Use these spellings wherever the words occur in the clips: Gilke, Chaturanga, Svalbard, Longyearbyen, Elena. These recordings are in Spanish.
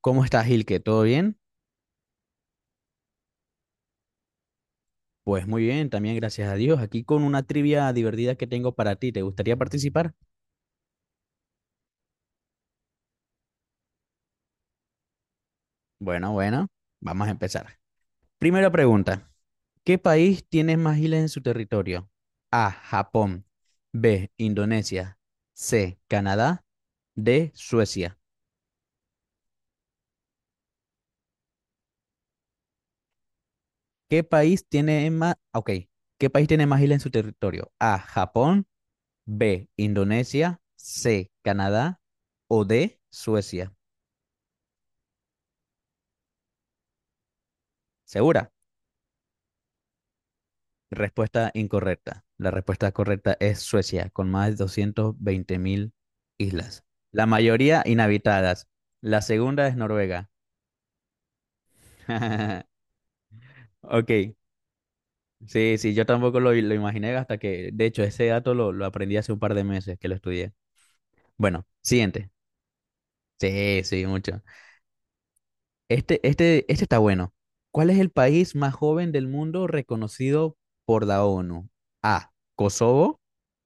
¿Cómo estás, Gilke? ¿Todo bien? Pues muy bien, también gracias a Dios. Aquí con una trivia divertida que tengo para ti. ¿Te gustaría participar? Bueno, bueno, vamos a empezar. Primera pregunta. ¿Qué país tiene más islas en su territorio? A, Japón. B, Indonesia. C, Canadá. D, Suecia. ¿Qué país tiene más... Ok. ¿Qué país tiene más islas en su territorio? A, Japón. B, Indonesia. C, Canadá. O D, Suecia. ¿Segura? Respuesta incorrecta. La respuesta correcta es Suecia, con más de 220 mil islas. La mayoría inhabitadas. La segunda es Noruega. Ok. Sí, sí, yo tampoco lo imaginé hasta que, de hecho, ese dato lo aprendí hace un par de meses que lo estudié. Bueno, siguiente. Sí, sí, mucho. Este está bueno. ¿Cuál es el país más joven del mundo reconocido por la ONU? A. Kosovo,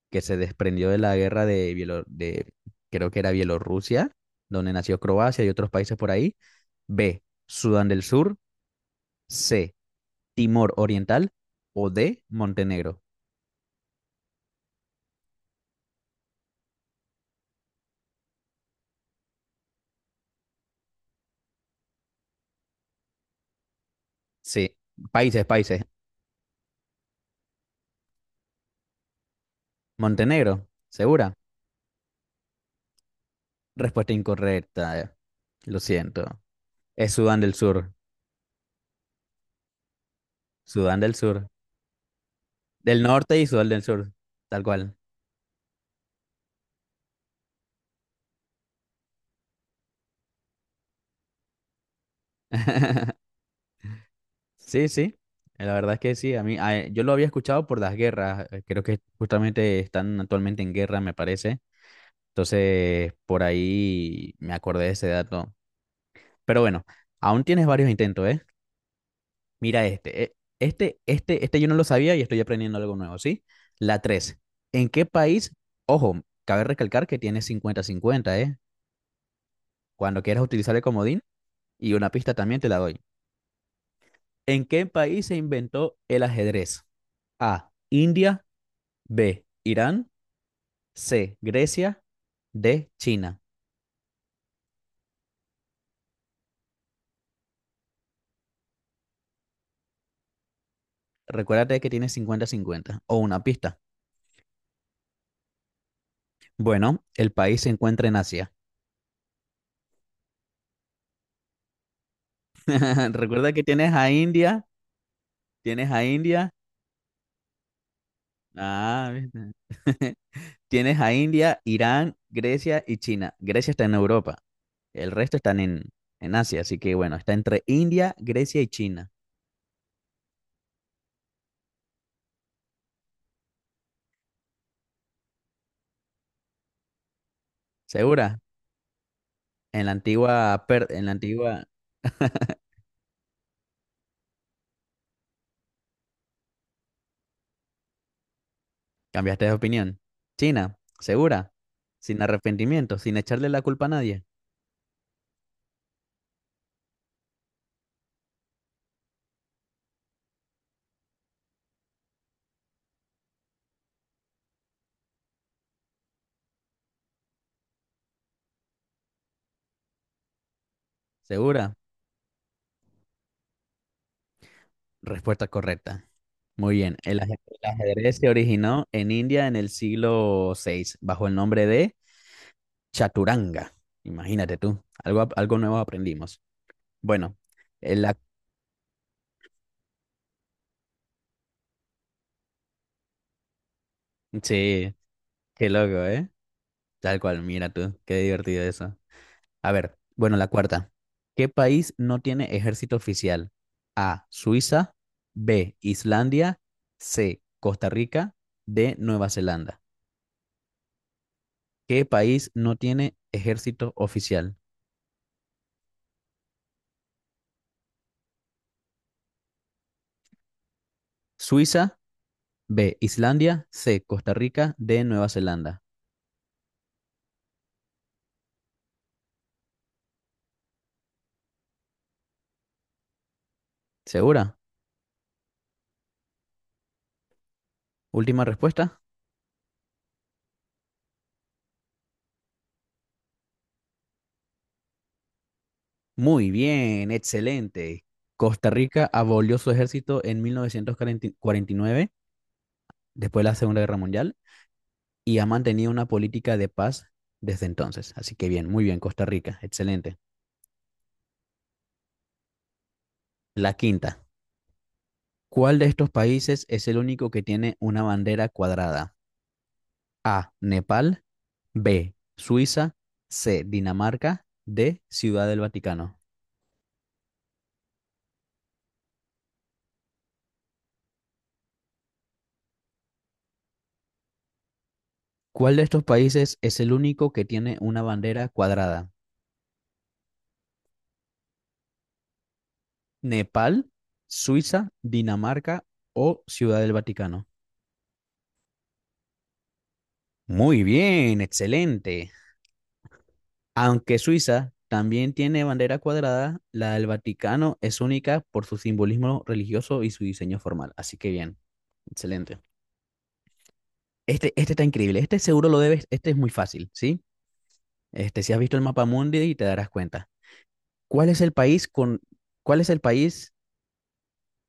que se desprendió de la guerra de creo que era Bielorrusia, donde nació Croacia y otros países por ahí. B, Sudán del Sur. C, Timor Oriental. O D, Montenegro. Sí, países, países. Montenegro, ¿segura? Respuesta incorrecta. Lo siento. Es Sudán del Sur. Sudán del Sur. Del norte y Sudán del Sur. Tal cual. Sí, sí, la verdad es que sí, a mí, yo lo había escuchado por las guerras, creo que justamente están actualmente en guerra, me parece, entonces por ahí me acordé de ese dato, pero bueno, aún tienes varios intentos, ¿eh? Mira este, este yo no lo sabía y estoy aprendiendo algo nuevo, ¿sí? La tres, ¿en qué país? Ojo, cabe recalcar que tienes cincuenta cincuenta, ¿eh? Cuando quieras utilizar el comodín, y una pista también te la doy. ¿En qué país se inventó el ajedrez? A, India. B, Irán. C, Grecia. D, China. Recuérdate que tiene cincuenta-cincuenta o una pista. Bueno, el país se encuentra en Asia. Recuerda que tienes a India, ah, ¿viste? Tienes a India, Irán, Grecia y China. Grecia está en Europa, el resto están en Asia, así que bueno, está entre India, Grecia y China. ¿Segura? En la antigua, cambiaste de opinión. China, ¿segura? Sin arrepentimiento, sin echarle la culpa a nadie. ¿Segura? Respuesta correcta. Muy bien. El ajedrez se originó en India en el siglo VI bajo el nombre de Chaturanga. Imagínate tú, algo nuevo aprendimos. Bueno, el ac- sí, qué loco, ¿eh? Tal cual, mira tú, qué divertido eso. A ver, bueno, la cuarta. ¿Qué país no tiene ejército oficial? A, Suiza. B, Islandia. C, Costa Rica. D, Nueva Zelanda. ¿Qué país no tiene ejército oficial? Suiza, B, Islandia, C, Costa Rica, D, Nueva Zelanda. ¿Segura? Última respuesta. Muy bien, excelente. Costa Rica abolió su ejército en 1949, después de la Segunda Guerra Mundial, y ha mantenido una política de paz desde entonces. Así que bien, muy bien, Costa Rica, excelente. La quinta. ¿Cuál de estos países es el único que tiene una bandera cuadrada? A, Nepal. B, Suiza. C, Dinamarca. D, Ciudad del Vaticano. ¿Cuál de estos países es el único que tiene una bandera cuadrada? ¿Nepal, Suiza, Dinamarca o Ciudad del Vaticano? Muy bien, excelente. Aunque Suiza también tiene bandera cuadrada, la del Vaticano es única por su simbolismo religioso y su diseño formal. Así que bien, excelente. Este, está increíble. Este seguro lo debes, este es muy fácil, ¿sí? Este, si has visto el mapa mundi y te darás cuenta. ¿Cuál es el país con, ¿Cuál es el país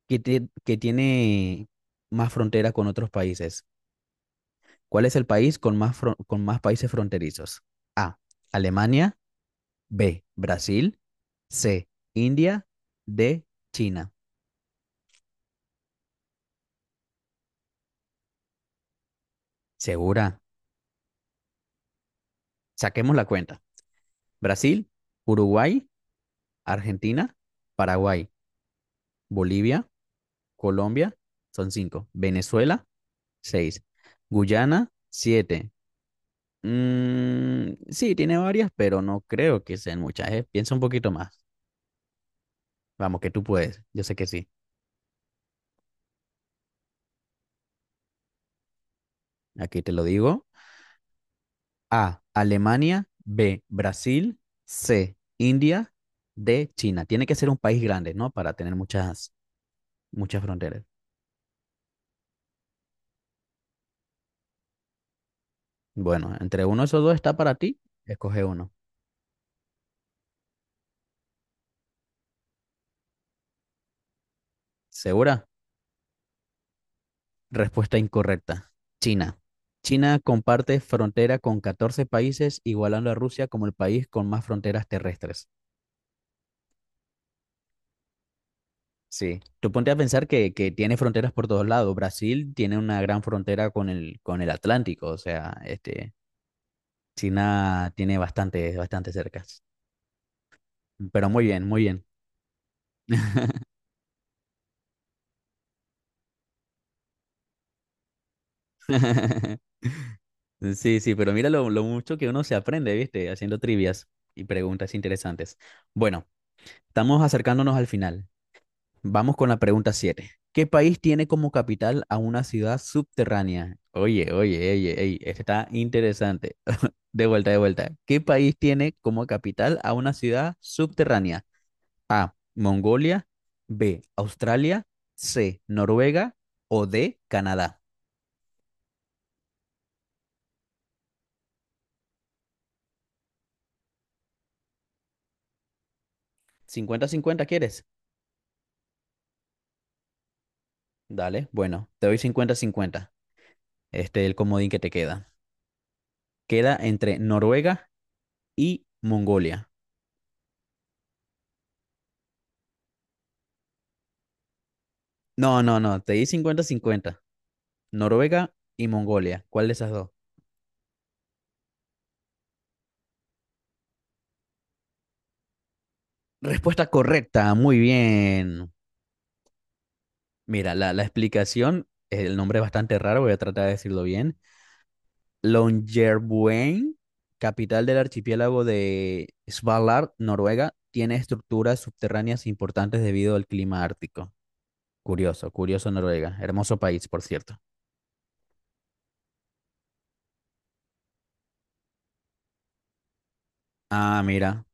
que tiene más frontera con otros países? ¿Cuál es el país con más países fronterizos? A. Alemania. B. Brasil. C. India. D. China. ¿Segura? Saquemos la cuenta. Brasil, Uruguay, Argentina, Paraguay, Bolivia, Colombia, son cinco. Venezuela, seis. Guyana, siete. Mm, sí, tiene varias, pero no creo que sean muchas. Piensa un poquito más. Vamos, que tú puedes. Yo sé que sí. Aquí te lo digo. A, Alemania. B, Brasil. C, India. D, China. Tiene que ser un país grande, ¿no? Para tener muchas, muchas fronteras. Bueno, entre uno de esos dos está para ti. Escoge uno. ¿Segura? Respuesta incorrecta. China. China comparte frontera con 14 países, igualando a Rusia como el país con más fronteras terrestres. Sí, tú ponte a pensar que tiene fronteras por todos lados. Brasil tiene una gran frontera con el Atlántico, o sea, este, China tiene bastante, bastante cercas. Pero muy bien, muy bien. Sí, sí, pero mira lo mucho que uno se aprende, ¿viste? Haciendo trivias y preguntas interesantes. Bueno, estamos acercándonos al final. Vamos con la pregunta 7. ¿Qué país tiene como capital a una ciudad subterránea? Oye, oye, oye, ey, este está interesante. De vuelta, de vuelta. ¿Qué país tiene como capital a una ciudad subterránea? A. Mongolia. B. Australia. C. Noruega. O D. Canadá. Cincuenta-cincuenta, quieres. Dale. Bueno, te doy cincuenta-cincuenta. Este es el comodín que te queda. Queda entre Noruega y Mongolia. No, no, no. Te di cincuenta-cincuenta. Noruega y Mongolia. ¿Cuál de esas dos? Respuesta correcta. Muy bien. Mira, la explicación, el nombre es bastante raro, voy a tratar de decirlo bien. Longyearbyen, capital del archipiélago de Svalbard, Noruega, tiene estructuras subterráneas importantes debido al clima ártico. Curioso, curioso Noruega. Hermoso país, por cierto. Ah, mira.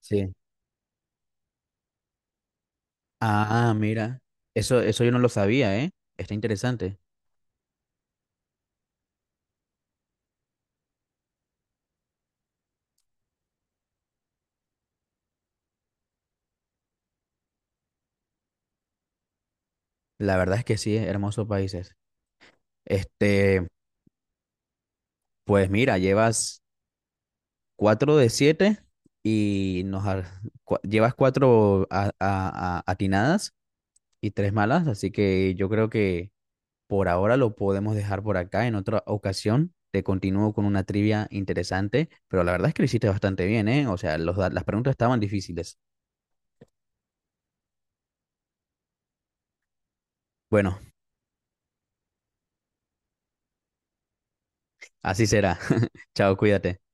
Sí. Ah, mira. Eso yo no lo sabía, ¿eh? Está interesante. La verdad es que sí, hermosos países. Este, pues mira, llevas cuatro de siete y llevas cuatro atinadas, y tres malas, así que yo creo que por ahora lo podemos dejar por acá. En otra ocasión te continúo con una trivia interesante, pero la verdad es que lo hiciste bastante bien, ¿eh? O sea, las preguntas estaban difíciles. Bueno, así será. Chao, cuídate.